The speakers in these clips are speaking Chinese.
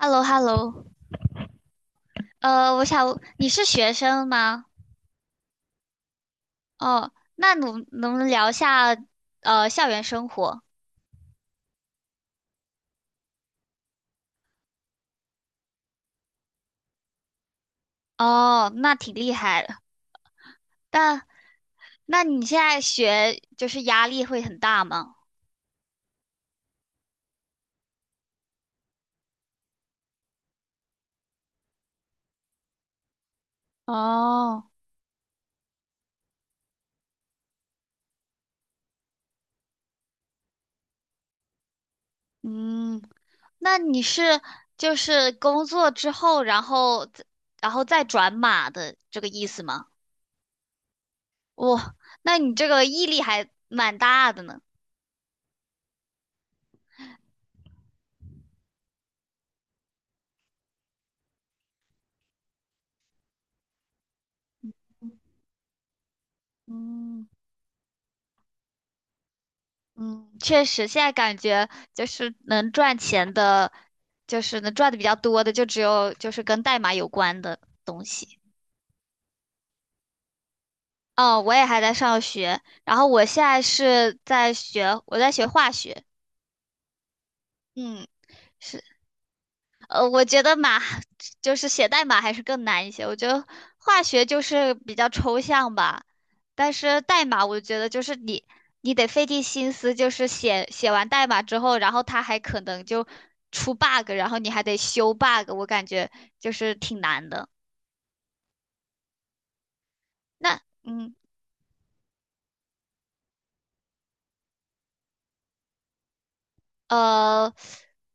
h e l l o 我想你是学生吗？哦，那能不能聊一下校园生活？哦，那挺厉害的。但那你现在学就是压力会很大吗？哦，嗯，那你是就是工作之后，然后再转码的这个意思吗？哇，那你这个毅力还蛮大的呢。嗯。嗯，确实，现在感觉就是能赚钱的，就是能赚的比较多的，就只有就是跟代码有关的东西。哦，我也还在上学，然后我现在是在学，我在学化学。嗯。是。我觉得就是写代码还是更难一些。我觉得化学就是比较抽象吧，但是代码我觉得就是你得费尽心思，就是写完代码之后，然后它还可能就出 bug，然后你还得修 bug，我感觉就是挺难的。那呃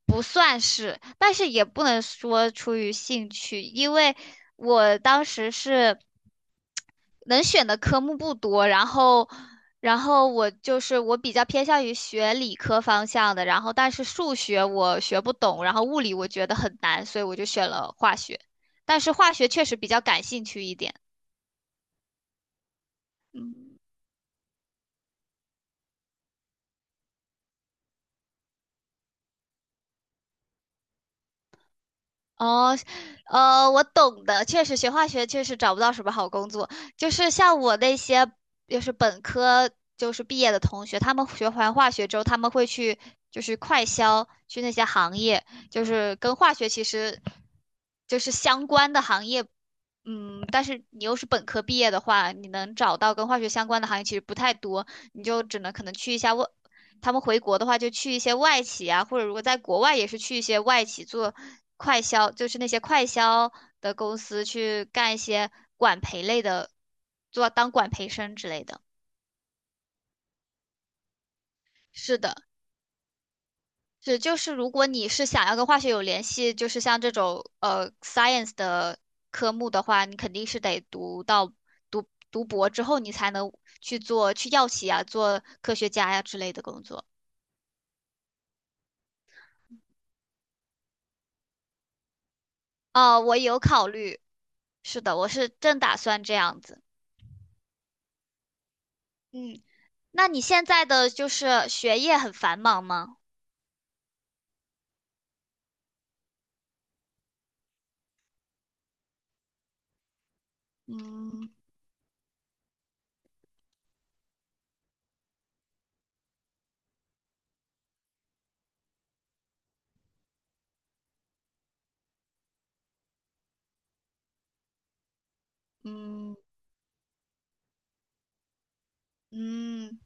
不算是，但是也不能说出于兴趣，因为我当时是。能选的科目不多，然后我就是我比较偏向于学理科方向的，然后但是数学我学不懂，然后物理我觉得很难，所以我就选了化学，但是化学确实比较感兴趣一点。哦，我懂的，确实学化学确实找不到什么好工作，就是像我那些就是本科就是毕业的同学，他们学完化学之后，他们会去就是快销，去那些行业，就是跟化学其实就是相关的行业，嗯，但是你又是本科毕业的话，你能找到跟化学相关的行业其实不太多，你就只能可能去一下外他们回国的话，就去一些外企啊，或者如果在国外也是去一些外企做快销，就是那些快销的公司去干一些管培类的，做当管培生之类的。是的，是就是如果你是想要跟化学有联系，就是像这种science 的科目的话，你肯定是得读到读读博之后，你才能去药企啊，做科学家呀、之类的工作。哦，我有考虑，是的，我是正打算这样子。嗯，那你现在的就是学业很繁忙吗？嗯嗯，嗯，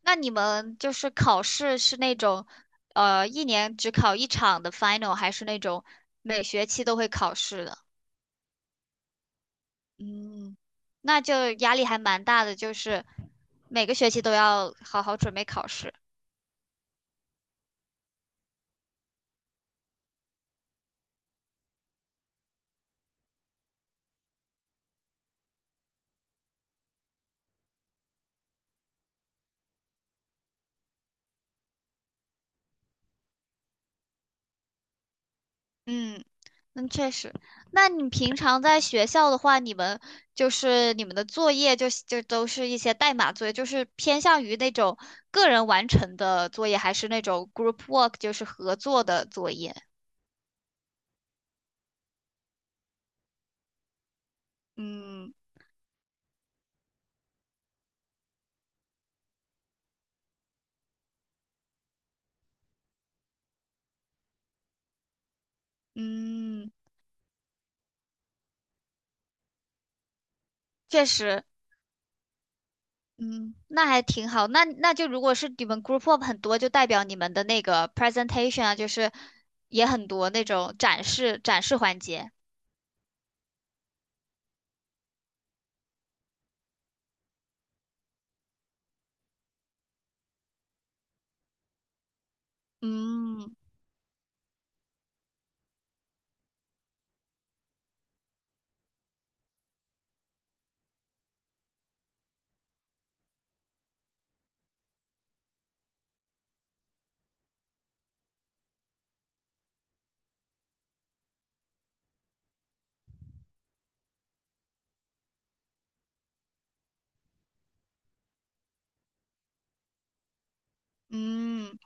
那你们就是考试是那种，一年只考一场的 final，还是那种每学期都会考试的？嗯，那就压力还蛮大的，就是每个学期都要好好准备考试。嗯，那确实。那你平常在学校的话，你们就是你们的作业就都是一些代码作业，就是偏向于那种个人完成的作业，还是那种 group work，就是合作的作业？嗯嗯，确实，嗯，那还挺好。那就如果是你们 group work 很多，就代表你们的那个 presentation 啊，就是也很多那种展示环节。嗯嗯。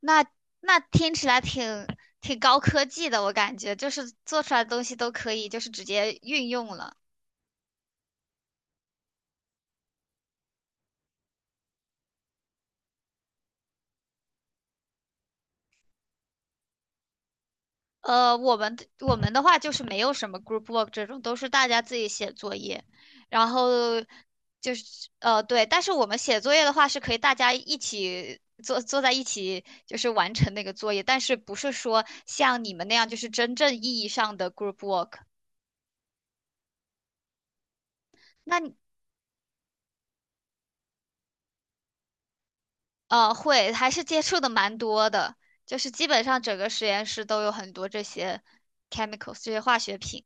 那那听起来挺高科技的，我感觉就是做出来的东西都可以，就是直接运用了。我们的话就是没有什么 group work 这种，都是大家自己写作业，然后就是对，但是我们写作业的话是可以大家一起坐在一起，就是完成那个作业，但是不是说像你们那样就是真正意义上的 group work。那会，还是接触的蛮多的，就是基本上整个实验室都有很多这些 chemicals 这些化学品。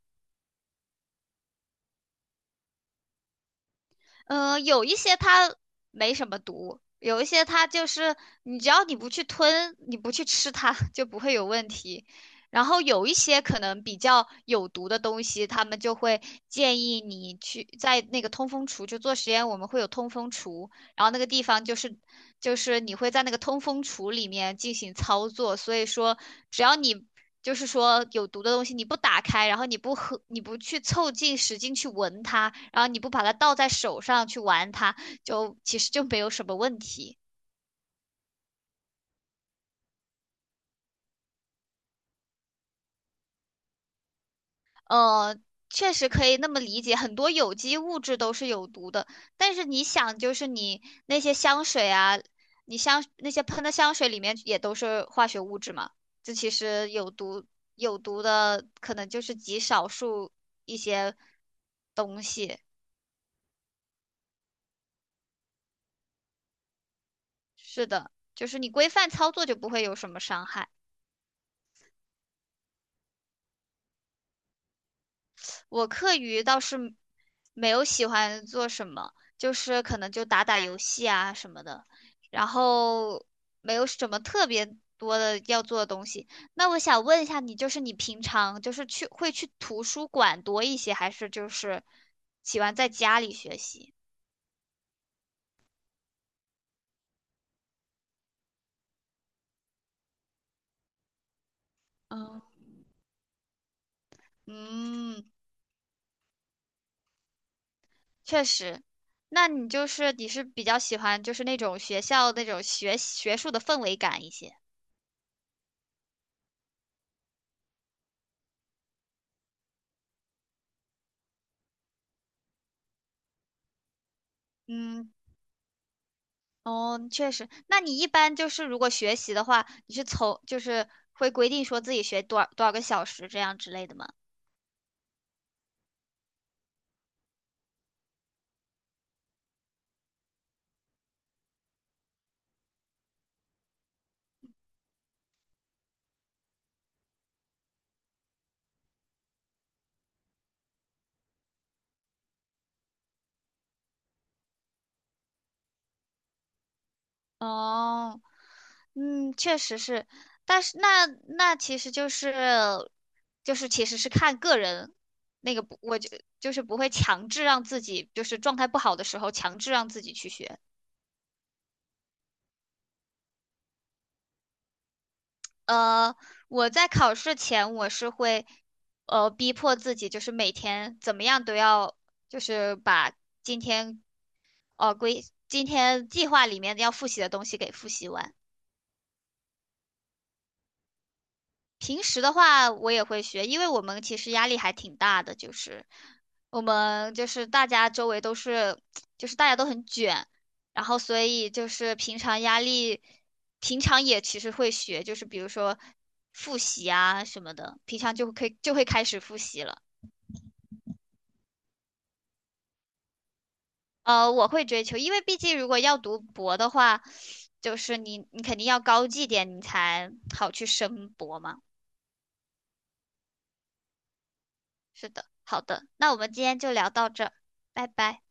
嗯，有一些它没什么毒，有一些它就是你只要你不去吞，你不去吃它 就不会有问题。然后有一些可能比较有毒的东西，他们就会建议你去在那个通风橱，就做实验，我们会有通风橱，然后那个地方就是你会在那个通风橱里面进行操作，所以说只要你就是说有毒的东西你不打开，然后你不喝，你不去凑近使劲去闻它，然后你不把它倒在手上去玩它，就其实就没有什么问题。呃，确实可以那么理解，很多有机物质都是有毒的，但是你想，就是你那些香水啊，你香那些喷的香水里面也都是化学物质嘛，这其实有毒的可能就是极少数一些东西。是的，就是你规范操作就不会有什么伤害。我课余倒是没有喜欢做什么，就是可能就打打游戏啊什么的，然后没有什么特别多的要做的东西。那我想问一下你，就是你平常就是去会去图书馆多一些，还是就是喜欢在家里学习？嗯，嗯，确实。那你是比较喜欢就是那种学校那种学术的氛围感一些。嗯，哦，确实。那你一般就是如果学习的话，你是从就是会规定说自己学多少多少个小时这样之类的吗？哦，嗯，确实是。但是那其实就是其实是看个人那个不，我就是不会强制让自己就是状态不好的时候强制让自己去学。呃，我在考试前我是会，逼迫自己，就是每天怎么样都要，就是把今天，呃，规，今天计划里面要复习的东西给复习完。平时的话，我也会学，因为我们其实压力还挺大的，就是我们就是大家周围都是，就是大家都很卷，然后所以就是平常压力，平常也其实会学，就是比如说复习啊什么的，平常就可以就会开始复习了。我会追求，因为毕竟如果要读博的话，就是你肯定要高绩点，你才好去升博嘛。是的，好的，那我们今天就聊到这儿，拜拜。